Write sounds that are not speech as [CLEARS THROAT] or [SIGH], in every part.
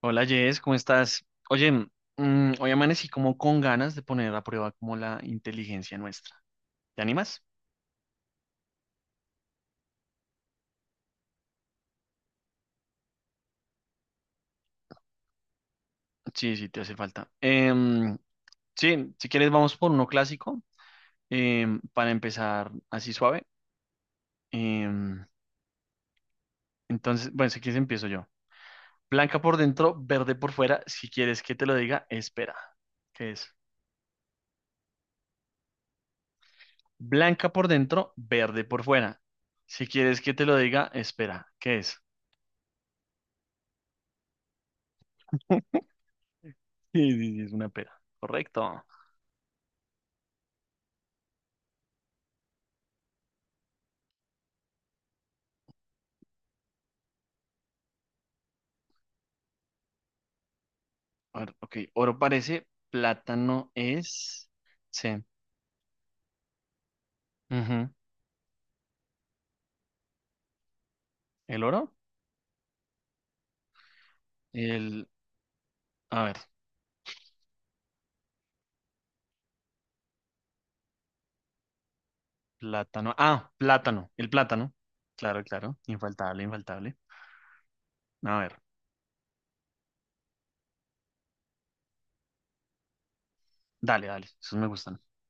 Hola Jess, ¿cómo estás? Oye, hoy amanecí como con ganas de poner a prueba como la inteligencia nuestra. ¿Te animas? Sí, sí, te hace falta. Sí, si quieres vamos por uno clásico para empezar así suave. Em, entonces, bueno, si quieres empiezo yo. Blanca por dentro, verde por fuera. Si quieres que te lo diga, espera. ¿Qué es? Blanca por dentro, verde por fuera. Si quieres que te lo diga, espera. ¿Qué es? [LAUGHS] Sí, sí, sí, es una pera. Correcto. Ok, oro parece, plátano es. Sí. Ujú. ¿El oro? El. A ver, plátano. Ah, plátano. El plátano. Claro, claro. Infaltable, infaltable. A ver, dale, dale. Esos me gustan. [CLEARS THROAT]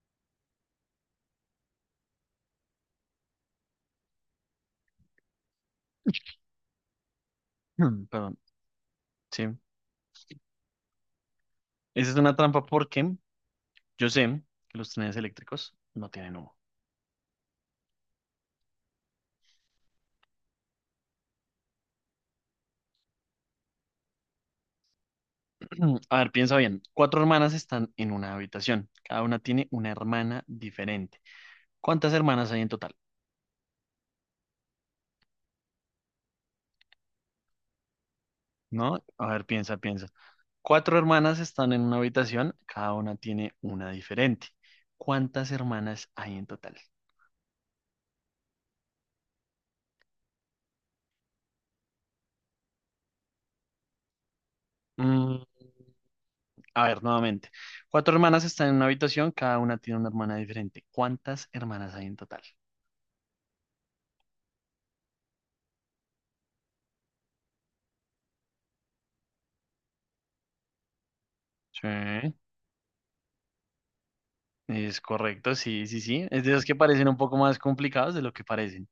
Mm, perdón. Sí. Esa es una trampa porque yo sé que los trenes eléctricos no tienen humo. [CLEARS THROAT] A ver, piensa bien. Cuatro hermanas están en una habitación. Cada una tiene una hermana diferente. ¿Cuántas hermanas hay en total? ¿No? A ver, piensa, piensa. Cuatro hermanas están en una habitación, cada una tiene una diferente. ¿Cuántas hermanas hay en total? Mm, a ver, nuevamente. Cuatro hermanas están en una habitación, cada una tiene una hermana diferente. ¿Cuántas hermanas hay en total? Sí, es correcto, sí, sí, sí. Es de los que parecen un poco más complicados de lo que parecen,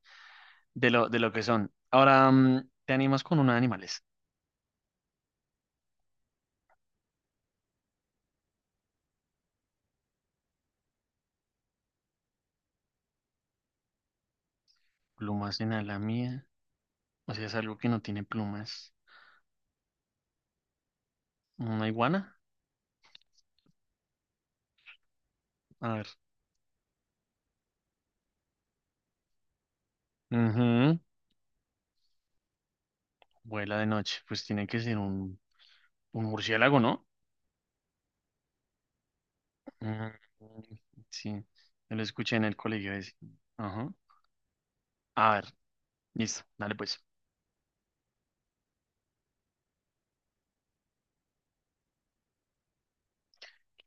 de lo que son. Ahora, te animas con una de animales. Plumas en la mía. O sea, es algo que no tiene plumas. ¿Una iguana? A ver. Ujú. Vuela de noche, pues tiene que ser un murciélago, ¿no? Mm, sí, yo lo escuché en el colegio ese. Ajá. A ver, listo, dale pues.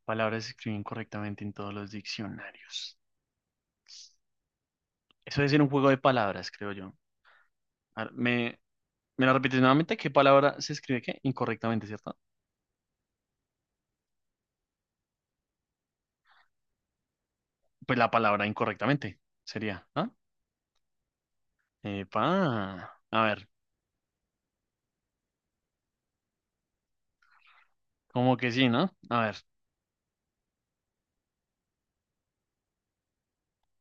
Palabras se escriben correctamente en todos los diccionarios. Eso debe ser un juego de palabras, creo yo. A ver, ¿me la repites nuevamente? ¿Qué palabra se escribe qué? Incorrectamente, ¿cierto? Pues la palabra incorrectamente sería, ¿no? Epa. A ver, como que sí, ¿no? A ver.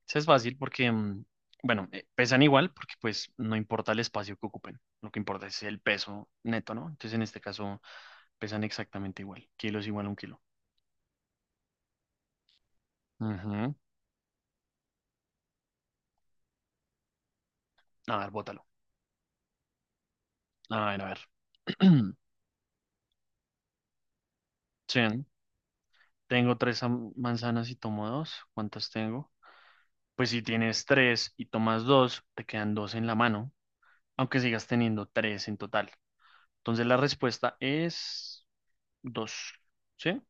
Eso es fácil porque, bueno, pesan igual porque pues no importa el espacio que ocupen, lo que importa es el peso neto, ¿no? Entonces en este caso pesan exactamente igual, kilo es igual a un kilo. Ujú. A ver, bótalo. A ver, a ver. [CLEARS THROAT] Sí, tengo tres manzanas y tomo dos. ¿Cuántas tengo? Pues si tienes tres y tomas dos, te quedan dos en la mano, aunque sigas teniendo tres en total. Entonces la respuesta es dos. ¿Sí?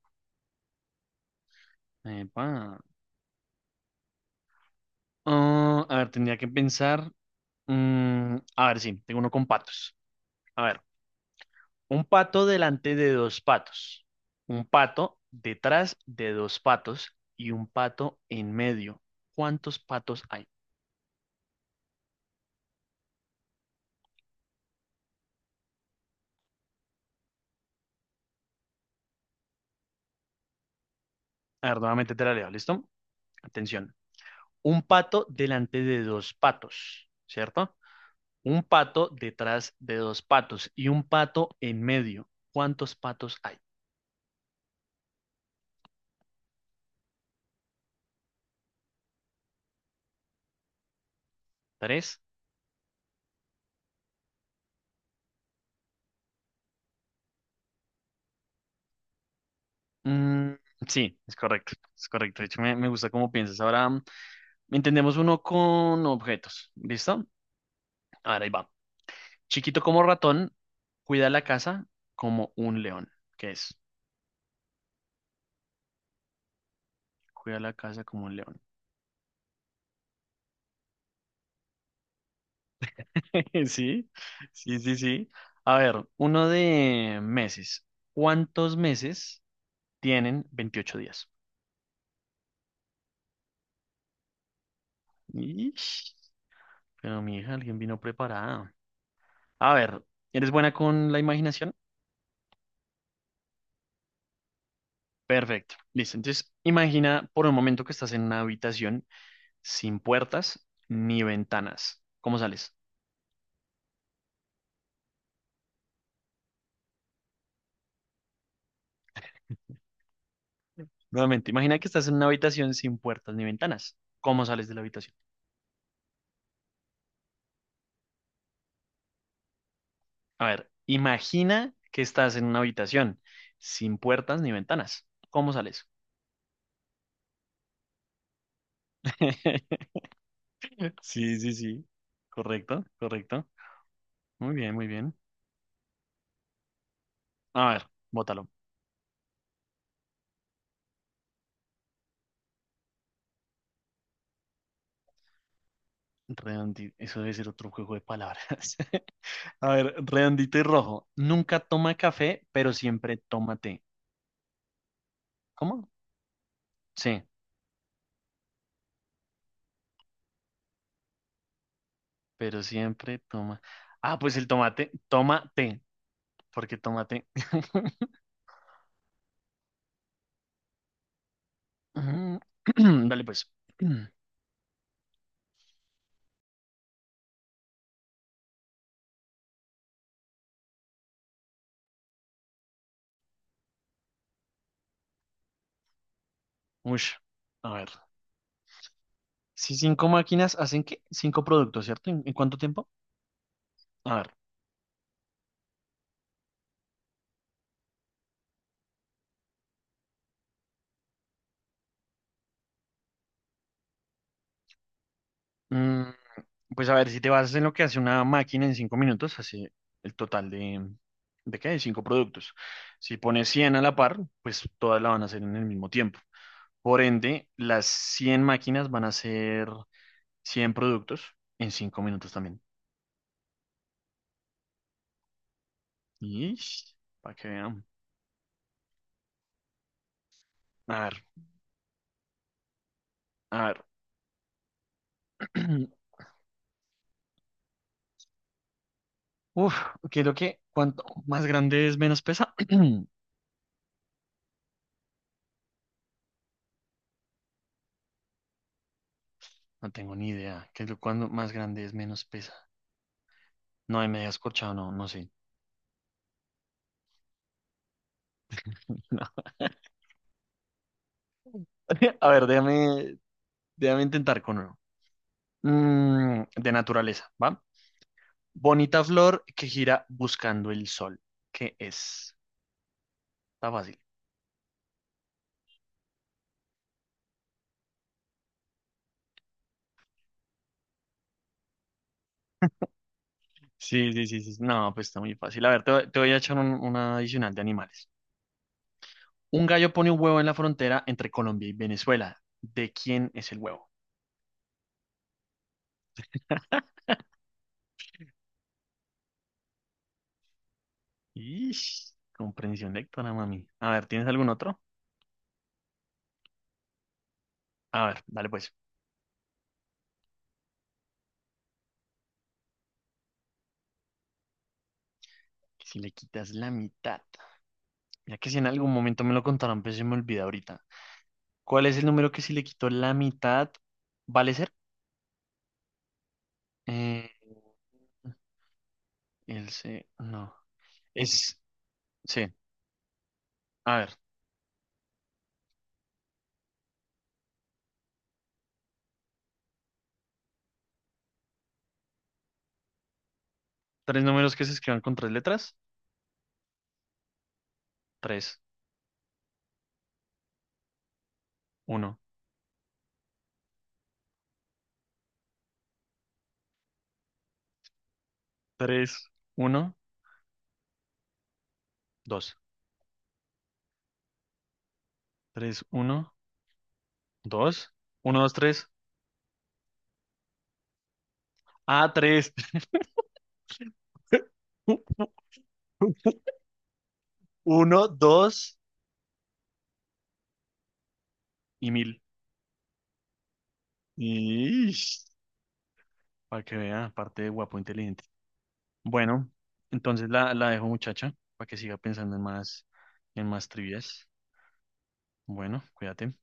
Epa. Ah, a ver, tendría que pensar. Mm, a ver, sí, tengo uno con patos. A ver, un pato delante de dos patos, un pato detrás de dos patos y un pato en medio. ¿Cuántos patos hay? A ver, nuevamente te la leo, ¿listo? Atención. Un pato delante de dos patos, ¿cierto? Un pato detrás de dos patos y un pato en medio. ¿Cuántos patos hay? ¿Tres? Mm, sí, es correcto, es correcto. De hecho, me gusta cómo piensas. Ahora. Entendemos uno con objetos. ¿Listo? Ahora ahí va. Chiquito como ratón, cuida la casa como un león. ¿Qué es? Cuida la casa como un león. [LAUGHS] Sí, sí, sí, sí. A ver, uno de meses. ¿Cuántos meses tienen 28 días? Ish, pero mi hija, alguien vino preparada. A ver, ¿eres buena con la imaginación? Perfecto. Listo. Entonces, imagina por un momento que estás en una habitación sin puertas ni ventanas. ¿Cómo sales? Nuevamente, imagina que estás en una habitación sin puertas ni ventanas. ¿Cómo sales de la habitación? A ver, imagina que estás en una habitación sin puertas ni ventanas. ¿Cómo sales? [LAUGHS] Sí, sí, sí. Correcto, correcto. Muy bien, muy bien. A ver, bótalo. Redondito. Eso debe ser otro juego de palabras. [LAUGHS] A ver, redondito y rojo. Nunca toma café, pero siempre toma té. ¿Cómo? Sí. Pero siempre toma. Ah, pues el tomate, toma té, porque tomate. [LAUGHS] Ujú. [CLEARS THROAT] Dale pues. [CLEARS THROAT] Ush, a ver. Si cinco máquinas hacen qué? Cinco productos, ¿cierto? ¿En cuánto tiempo? A ver. Mm, pues a ver, si te basas en lo que hace una máquina en 5 minutos, hace el total ¿de qué? De cinco productos. Si pones 100 a la par, pues todas la van a hacer en el mismo tiempo. Por ende, las 100 máquinas van a hacer 100 productos en 5 minutos también. Ish, para que vean. A ver, a ver. [CLEARS THROAT] Uf, creo que cuanto más grande es, menos pesa. [CLEARS THROAT] No tengo ni idea. ¿Qué es lo cuando más grande es, menos pesa? No, ahí me había escorchado, no, no sé. [LAUGHS] No. A ver, déjame, déjame intentar con uno. De naturaleza, ¿va? Bonita flor que gira buscando el sol. ¿Qué es? Está fácil. Sí, sí, sí, sí. No, pues está muy fácil. A ver, te voy a echar una adicional de animales. Un gallo pone un huevo en la frontera entre Colombia y Venezuela. ¿De quién es el huevo? Ish, comprensión lectora, mami. A ver, ¿tienes algún otro? A ver, dale pues. Si le quitas la mitad. Ya que si en algún momento me lo contaron, pero se me olvida ahorita. ¿Cuál es el número que si le quito la mitad vale ser? Eh, el C, no. Es, sí. A ver, tres números que se escriban con tres letras. Tres, uno, tres, uno, dos. Tres, uno, dos. Uno, dos, tres. Ah, tres. [LAUGHS] Uno, dos y mil. Y para que vea, aparte de guapo, inteligente. Bueno, entonces la dejo, muchacha, para que siga pensando en más trivias. Bueno, cuídate.